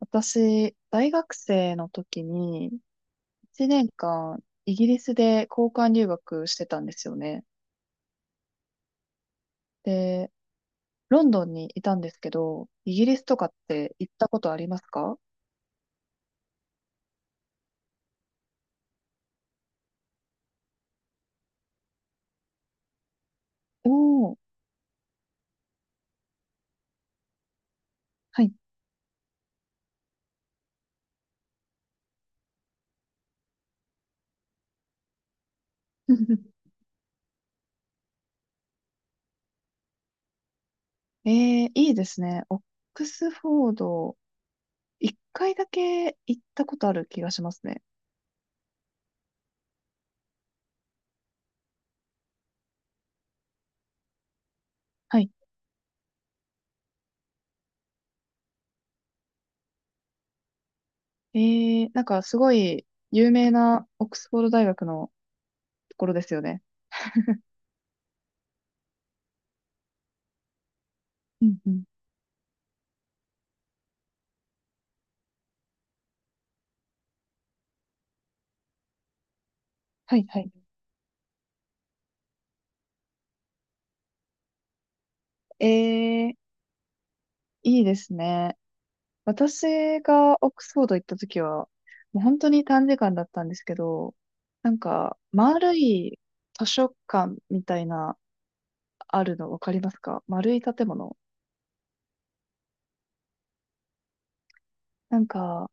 私、大学生の時に、1年間、イギリスで交換留学してたんですよね。で、ロンドンにいたんですけど、イギリスとかって行ったことありますか？おー、はい。えいいですね。オックスフォード、一回だけ行ったことある気がしますね。はい。えなんかすごい有名なオックスフォード大学のところですよね。うんうん。はいはい。えー、いいですね。私がオックスフォード行った時は、もう本当に短時間だったんですけど、なんか、丸い図書館みたいな、あるのわかりますか？丸い建物。なんか、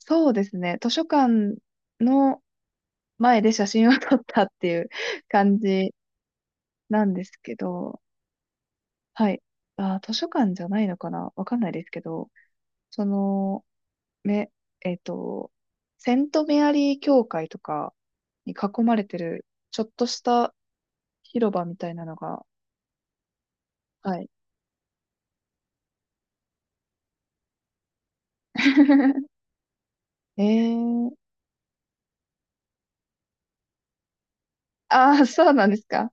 そうですね、図書館の前で写真を撮ったっていう 感じなんですけど、はい。あー、図書館じゃないのかなわかんないですけど、その、め、えっと、セントメアリー教会とかに囲まれてる、ちょっとした広場みたいなのが、はい。えー、ああ、そうなんですか。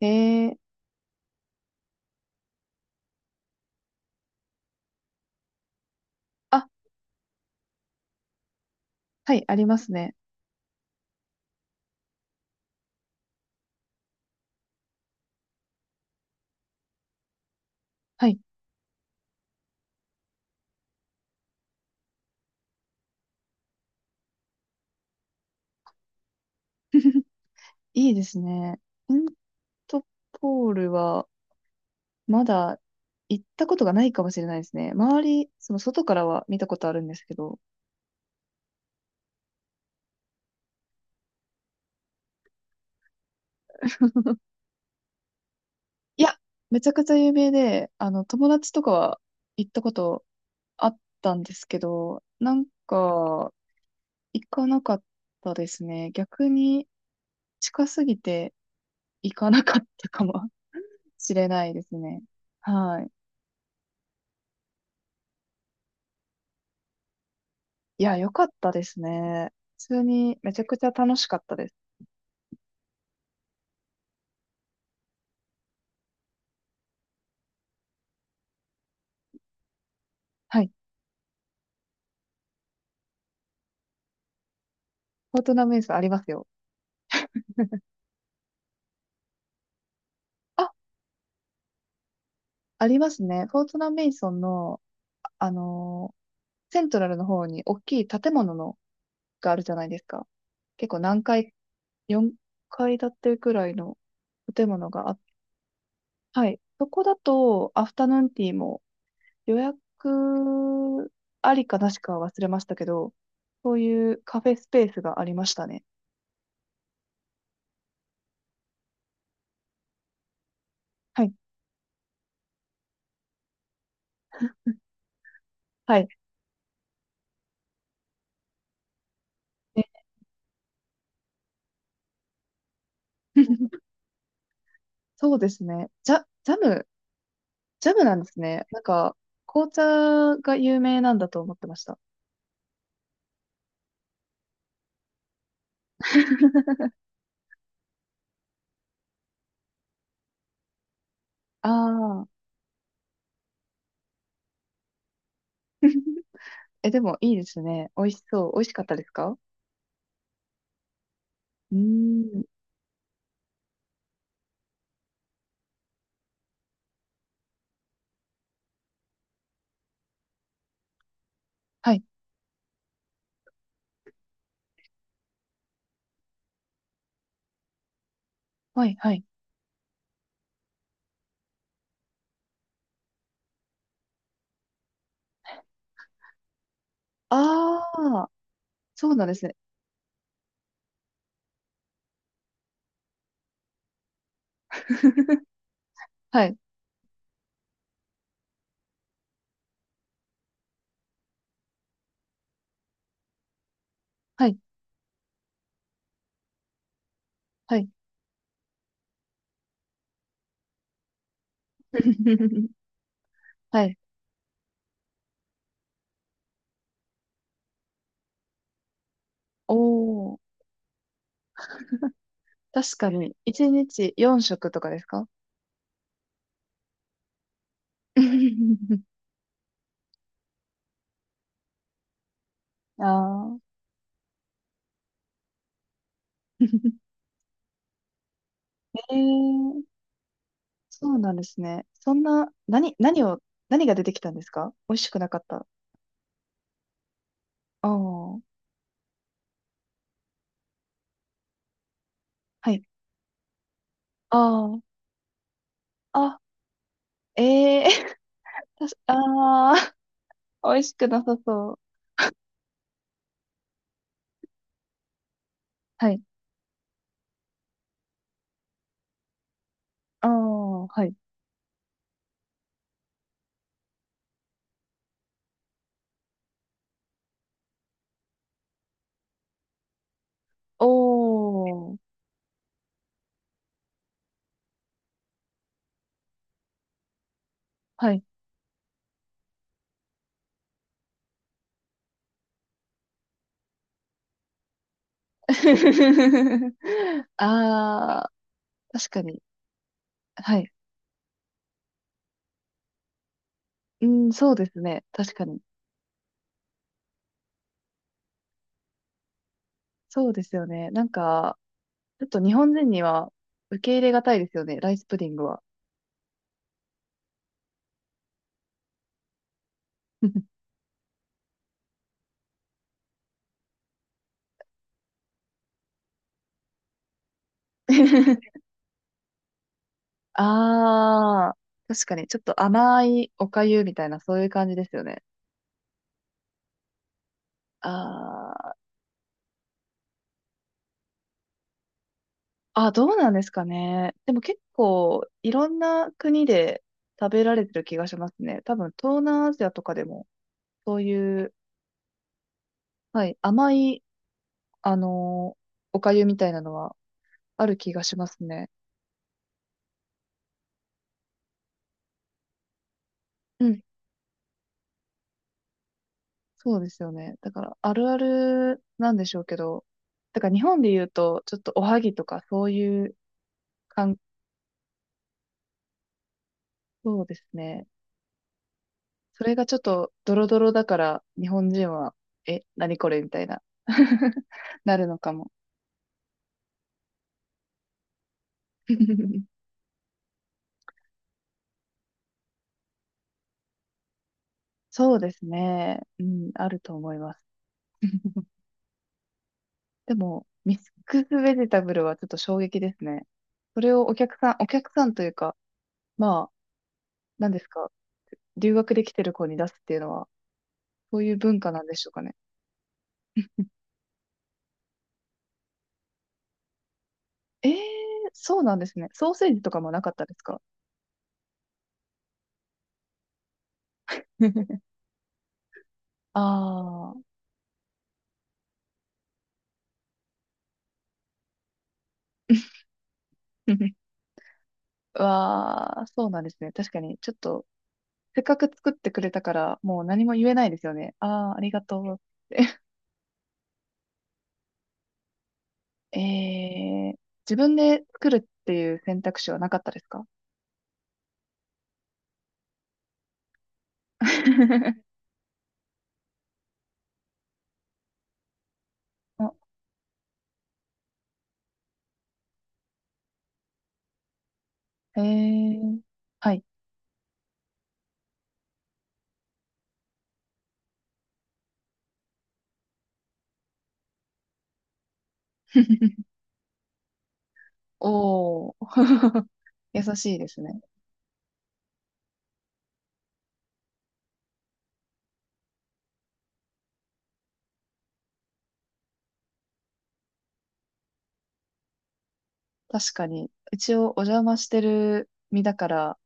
えー、あ、はい、ありますね。はい。いいですね。セントポールは、まだ行ったことがないかもしれないですね。周り、その外からは見たことあるんですけど。いや、めちゃくちゃ有名で、友達とかは行ったことあったんですけど、なんか、行かなかったですね。逆に近すぎて行かなかったかも しれないですね。はい。いや、良かったですね。普通にめちゃくちゃ楽しかったです。はい。フォートナメイソンありますよ。あ、ありますね。フォートナメイソンの、あのーセントラルの方に大きい建物のがあるじゃないですか。結構何階、4階建てくらいの建物があっ。はい。そこだと、アフタヌーンティーも予約ありかなしか忘れましたけど、そういうカフェスペースがありましたね。はい。はい。ね。 そうですね。ジャムなんですね。なんか、紅茶が有名なんだと思ってました。ああ。え、でもいいですね。美味しそう。美味しかったですか？うーん。はい。はい。はい。ああ。そうなんですね。はい。はい。はい。はい。おお、確かに、1日4食とかですか？ ああ。 ええ、そうなんですね。そんな、何が出てきたんですか？美味しくなかった。ああ、はい。ああ、あ、ええ。 確か。ああ、美味しくなさそう。はい。ああ、はい。おお、はい。ああ、確かに。はい。うん、そうですね。確かに。そうですよね。なんか、ちょっと日本人には受け入れがたいですよね、ライスプディングは。ああ、確かに、ちょっと甘いおかゆみたいな、そういう感じですよね。あーあ、どうなんですかね。でも結構、いろんな国で食べられてる気がしますね。多分、東南アジアとかでも、そういう、はい、甘い、あのーおかゆみたいなのはある気がしますね。うん。そうですよね。だから、あるあるなんでしょうけど、だから日本で言うと、ちょっとおはぎとかそういう感、そうですね。それがちょっとドロドロだから、日本人は、え、何これみたいな、なるのかも。そうですね。うん、あると思います。でも、ミックスベジタブルはちょっと衝撃ですね。それをお客さん、お客さんというか、まあ、何ですか、留学できてる子に出すっていうのは、そういう文化なんでしょうかね。えー、そうなんですね。ソーセージとかもなかったですか？ ああー。わあ、そうなんですね。確かに、ちょっと、せっかく作ってくれたから、もう何も言えないですよね。ああ、ありがとうって。えー、自分で作るっていう選択肢はなかったですか？ あえー、はい。おー。優しいですね。確かに、一応お邪魔してる身だから、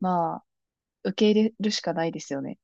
まあ、受け入れるしかないですよね。